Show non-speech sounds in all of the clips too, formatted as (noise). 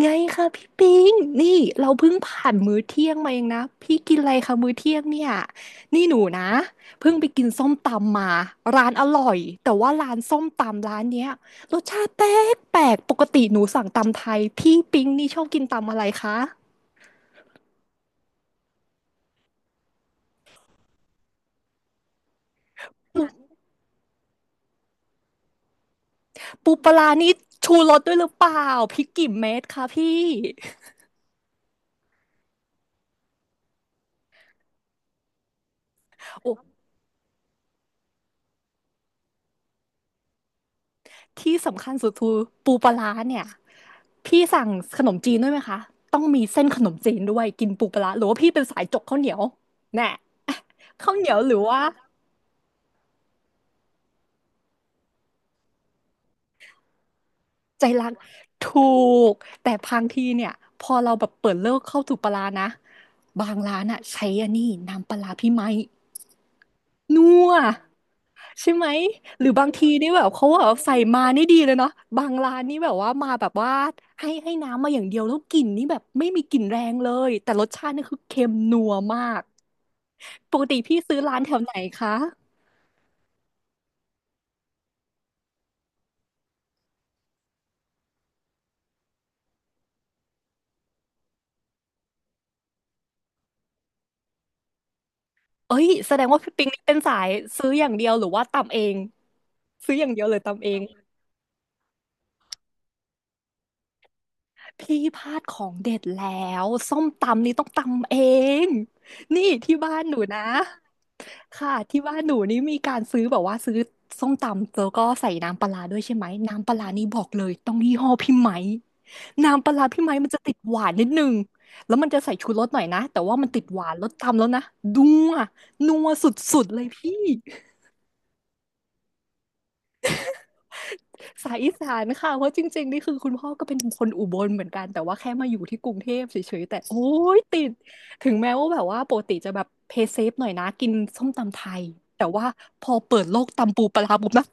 ไงคะพี่ปิงนี่เราเพิ่งผ่านมื้อเที่ยงมาเองนะพี่กินอะไรคะมื้อเที่ยงเนี่ยนี่หนูนะเพิ่งไปกินส้มตำมาร้านอร่อยแต่ว่าร้านส้มตำร้านเนี้ยรสชาติแปลกปกติหนูสั่งตำไทยพี่ปิงนี่ชอบกินตำอะไรคะปูปูปลาร้านี่ชูรสด้วยหรือเปล่าพริกกี่เม็ดคะพี่โอ้ ที่สำคัญสุดคือปูปลาร้าเนี่ยพี่สั่งขนมจีนด้วยไหมคะต้องมีเส้นขนมจีนด้วยกินปูปลาร้าหรือว่าพี่เป็นสายจกข้าวเหนียวแน่ข้าวเหนียวหรือว่าใจรักถูกแต่บางทีเนี่ยพอเราแบบเปิดเลิกเข้าถูกปลาร้านะบางร้านอะใช้อันนี้น้ำปลาร้าพี่ไม้ นัวใช่ไหมหรือบางทีนี่แบบเขาแบบใส่มานี่ดีเลยเนาะบางร้านนี่แบบว่ามาแบบว่าให้น้ำมาอย่างเดียวแล้วกลิ่นนี่แบบไม่มีกลิ่นแรงเลยแต่รสชาตินี่คือเค็มนัวมากปกติพี่ซื้อร้านแถวไหนคะเอ้ยแสดงว่าพี่ปิงนี่เป็นสายซื้ออย่างเดียวหรือว่าตำเองซื้ออย่างเดียวเลยตำเอง พี่พลาดของเด็ดแล้วส้มตำนี่ต้องตำเองนี่ที่บ้านหนูนะค่ะที่บ้านหนูนี่มีการซื้อแบบว่าซื้อส้มตำแล้วก็ใส่น้ำปลาร้าด้วยใช่ไหมน้ำปลาร้านี่บอกเลยต้องยี่ห้อพี่ไหมน้ำปลาร้าพี่ไหมมันจะติดหวานนิดนึงแล้วมันจะใส่ชูรสหน่อยนะแต่ว่ามันติดหวานรสตำแล้วนะนัวนัวสุดๆเลยพี่ สายอีสานค่ะเพราะจริงๆนี่คือคุณพ่อก็เป็นคนอุบลเหมือนกันแต่ว่าแค่มาอยู่ที่กรุงเทพเฉยๆแต่โอ้ยติดถึงแม้ว่าแบบว่าปกติจะแบบเพย์เซฟหน่อยนะกินส้มตำไทยแต่ว่าพอเปิดโลกตำปูปลาร้าปุ๊บนะ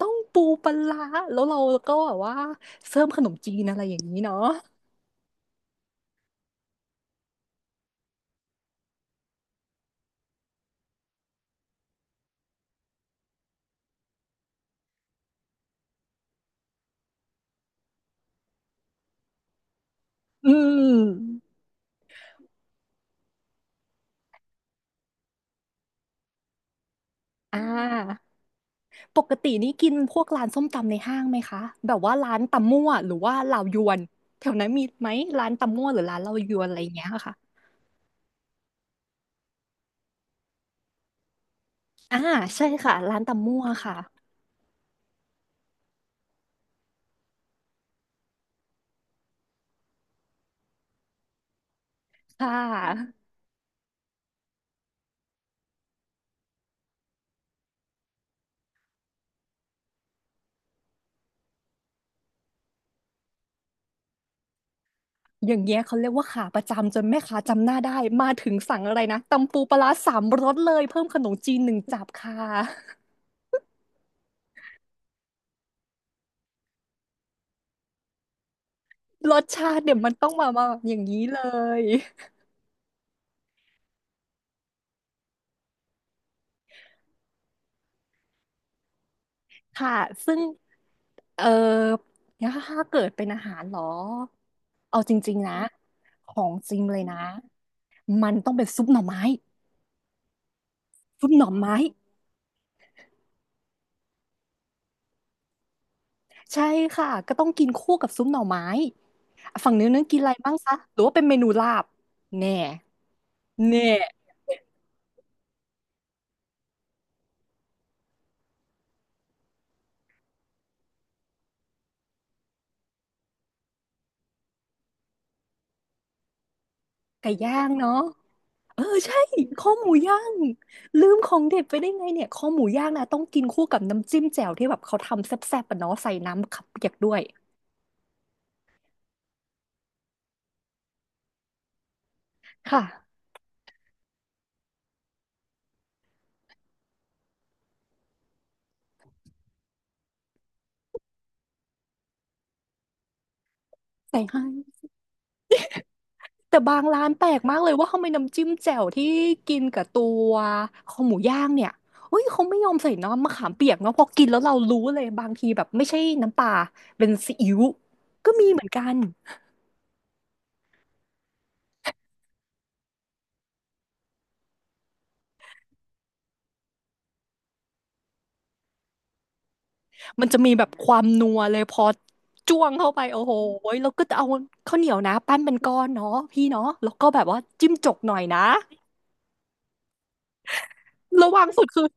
ต้องปูปลาร้าแล้วเราก็แบบว่าเสริมขนมจีนอะไรอย่างนี้เนาะอืมอ่าปกตินี่กินพวกร้านส้มตำในห้างไหมคะแบบว่าร้านตำมั่วหรือว่าเหล่ายวนแถวนั้นมีไหมร้านตำมั่วหรือร้านเหล่ายวนอะไรอย่างเงี้ยค่ะ อ่าใช่ค่ะร้านตำมั่วค่ะค่ะอย่างเงี้ยเขาเรียกว่าขาประจำจนแม่ค้าจำหน้าได้มาถึงสั่งอะไรนะตำปูปลาร้าสามรสเลยเพิ่มขนมจีนหนึ่งจับค่ะรสชาติเดี๋ยวมันต้องมาแบบอย่างนี้เลยค่ะซึ่งเออเนี่ยถ้าเกิดเป็นอาหารเหรอเอาจริงๆนะของจริงเลยนะมันต้องเป็นซุปหน่อไม้ซุปหน่อไม้ ใช่ค่ะก็ต้องกินคู่กับซุปหน่อไม้อ่ะฝั่งนู้นนั้นกินอะไรบ้างคะหรือว่าเป็นเมนูลาบแน่แน่ไก่ย่างเนาะเออใช่ข้อหมูย่างลืมของเด็ดไปได้ไงเนี่ยข้อหมูย่างนะต้องกินคู่กับน้ำจิ้มแจ่วที่แบบเขาทำแซ่บๆปะเนาะใส่น้ำขับเปียกด้วยค่ะใส่ให้ แต่บางร้านแปลกมากเลยว่าทำไมน้ำจิ้มแจ่วที่กินกับตัวคอหมูย่างเนี่ยเฮ้ยเขาไม่ยอมใส่น้ำมะขามเปียกเนาะพอกินแล้วเรารู้เลยบางทีแบบไม่ใช่น้ำปลาเป็นซีอิ๊วก็มีเหมือนกันมันจะมีแบบความนัวเลยพอจ้วงเข้าไปโอ้โหแล้วก็จะเอาข้าวเหนียวนะปั้นเป็นก้อนเนาะพี่เนาะแล้วก็แบบว่าจิ้มจกหน่อยนะระวังสุดคือ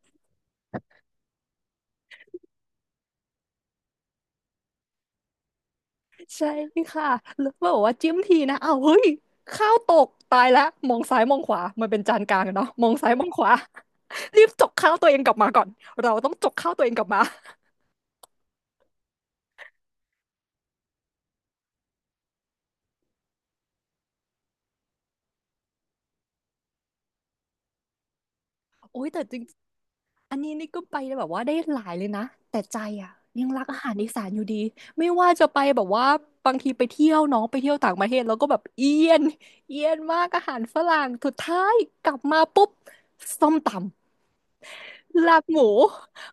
ใช่ค่ะแล้วบอกว่าจิ้มทีนะอ้าวเฮ้ยข้าวตกตายแล้วมองซ้ายมองขวามันเป็นจานกลางอะเนาะมองซ้ายมองขวา (laughs) รีบจกข้าวตัวเองกลับมาก่อน เราต้องจกข้าวตัวเองกลับมาโอ้ยแต่จริงอันนี้นี่ก็ไปแบบว่าได้หลายเลยนะแต่ใจอ่ะยังรักอาหารอีสานอยู่ดีไม่ว่าจะไปแบบว่าบางทีไปเที่ยวเน้องไปเที่ยวต่างประเทศแล้วก็แบบเอียนเอียนมากอาหารฝรั่งสุดท้ายกลับมาปุ๊บส้มตำ ลาบหมู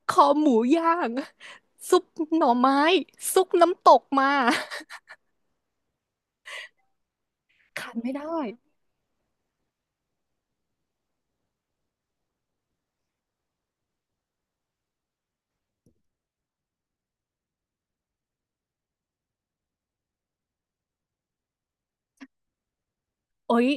คอหมูย่างซุปหน่อไม้ซุปน้ำตกมาขาดไม่ได้โอ้ย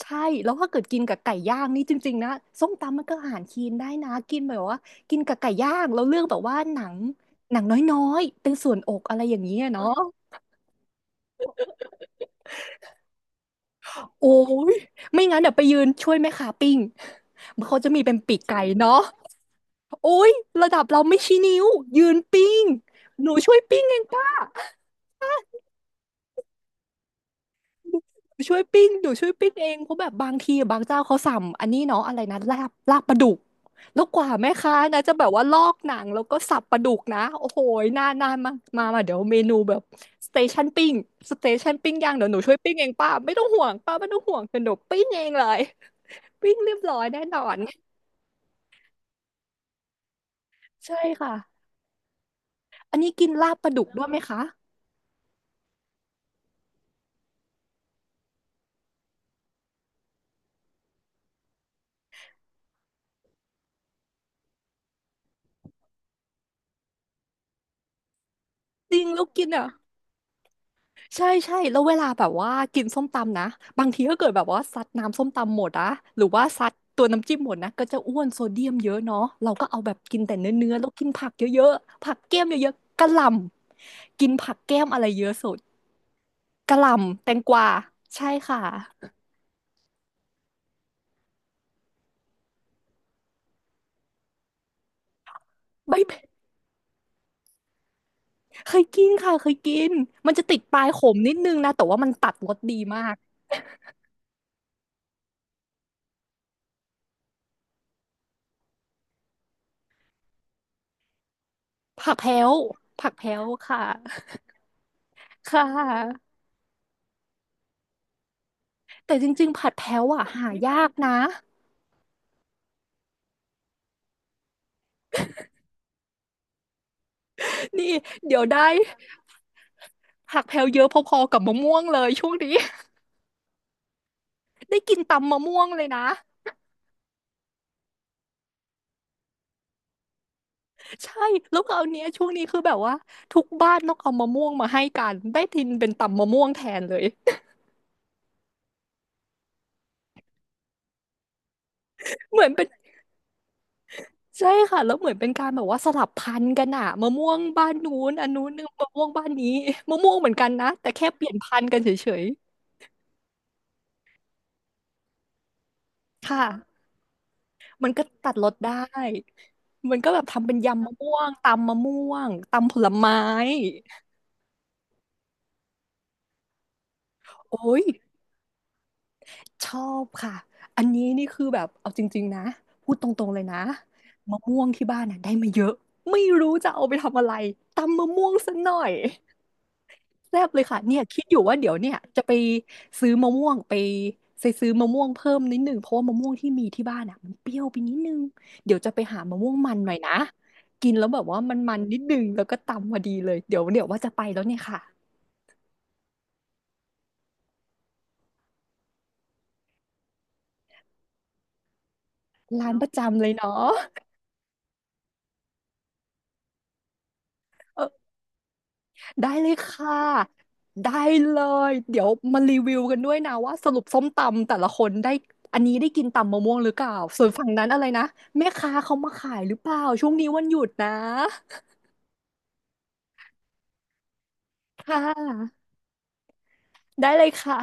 ใช่แล้วถ้าเกิดกินกับไก่ย่างนี่จริงๆนะส้มตำมันก็อาหารคีนได้นะกินแบบว่ากินกับไก่ย่างแล้วเลือกแบบว่าหนังหนังน้อยๆเป็นส่วนอกอะไรอย่างนี้ยเนาะโอ้ยไม่งั้นเดี๋ยวไปยืนช่วยแม่ค้าปิ้งเขาจะมีเป็นปีกไก่เนาะโอ้ยระดับเราไม่ชี้นิ้วยืนปิ้งหนูช่วยปิ้งเองป้า ช่วยปิ้งหนูช่วยปิ้งเองเพราะแบบบางทีบางเจ้าเขาสั่งอันนี้เนาะอะไรนะลาบปลาดุกแล้วกว่าแม่ค้านะจะแบบว่าลอกหนังแล้วก็สับปลาดุกนะโอ้โหนานมามาเดี๋ยวเมนูแบบสเตชันปิ้งสเตชันปิ้งย่างเดี๋ยวหนูช่วยปิ้งเองป้าไม่ต้องห่วงป้าไม่ต้องห่วงเดี๋ยวหนูปิ้งเองเลยปิ้งเรียบร้อยแน่นอนใช่ค่ะอันนี้กินลาบปลาดุกด้วยไหมคะจริงแล้วกินอ่ะ ใช่ใช่แล้วเวลาแบบว่ากินส้มตำนะบางทีก็เกิดแบบว่าซัดน้ำส้มตำหมดอะหรือว่าซัดตัวน้ำจิ้มหมดนะก็จะอ้วนโซเดียมเยอะเนาะเราก็เอาแบบกินแต่เนื้อๆแล้วกินผักเยอะๆผักแก้มเยอะๆกะหล่ำกินผักแก้มอะไรเยอะสุดกะหล่ำแตงกวาใช่ค่ะใบเบเคยกินค่ะเคยกินมันจะติดปลายขมนิดนึงนะแต่ว่ามันตัดรสดีมากผักแพ้วผักแพ้วค่ะค่ะแต่จริงๆผัดแพ้วอ่ะหายากนะ นี่เดี๋ยวได้ผักแพลวเยอะพอๆกับมะม่วงเลยช่วงนี้ (laughs) ได้กินตำมะม่วงเลยนะใช่แล้วคราวเนี้ยช่วงนี้คือแบบว่าทุกบ้านต้องเอามะม่วงมาให้กันได้ทินเป็นตำมะม่วงแทนเลยเหมือนเป็นใช่ค่ะแล้วเหมือนเป็นการแบบว่าสลับพันธุ์กันอะมะม่วงบ้านนู้นอันนู้นนึงมะม่วงบ้านนี้มะม่วงเหมือนกันนะแต่แค่เปลี่ยนพันธุ์กันเฉยๆค่ะมันก็ตัดรสได้มันก็แบบทำเป็นยำมะม่วงตำมะม่วงตำผลไม้โอ้ย ชอบค่ะ อันนี้นี่คือแบบเอาจริงๆนะพูดตรงๆเลยนะมะม่วงที่บ้านน่ะได้มาเยอะไม่รู้จะเอาไปทำอะไรตำมะม่วงซะหน่อยแซ่บเลยค่ะเนี่ยคิดอยู่ว่าเดี๋ยวเนี่ยจะไปซื้อมะม่วงไปไปซื้อมะม่วงเพิ่มนิดนึงเพราะว่ามะม่วงที่มีที่บ้านอ่ะมันเปรี้ยวไปนิดนึงเดี๋ยวจะไปหามะม่วงมันหน่อยนะกินแล้วแบบว่ามันมันนิดนึงแล้วก็ตำพอดีเลยเดี๋ยวว่าจะไปแล้วเนี่ยค่ะร้านประจำเลยเนาะเออ ได้เลยค่ะ ได้เลย เดี๋ยวมารีวิวกันด้วยนะว่าสรุปส้มตำแต่ละคนได้อันนี้ได้กินตำมะม่วงหรือเปล่า ส่วนฝั่งนั้นอะไรนะแม่ค้าเขามาขายหรือเปล่าช่วงนี้วันหยุดนะค่ะได้เลยค่ะ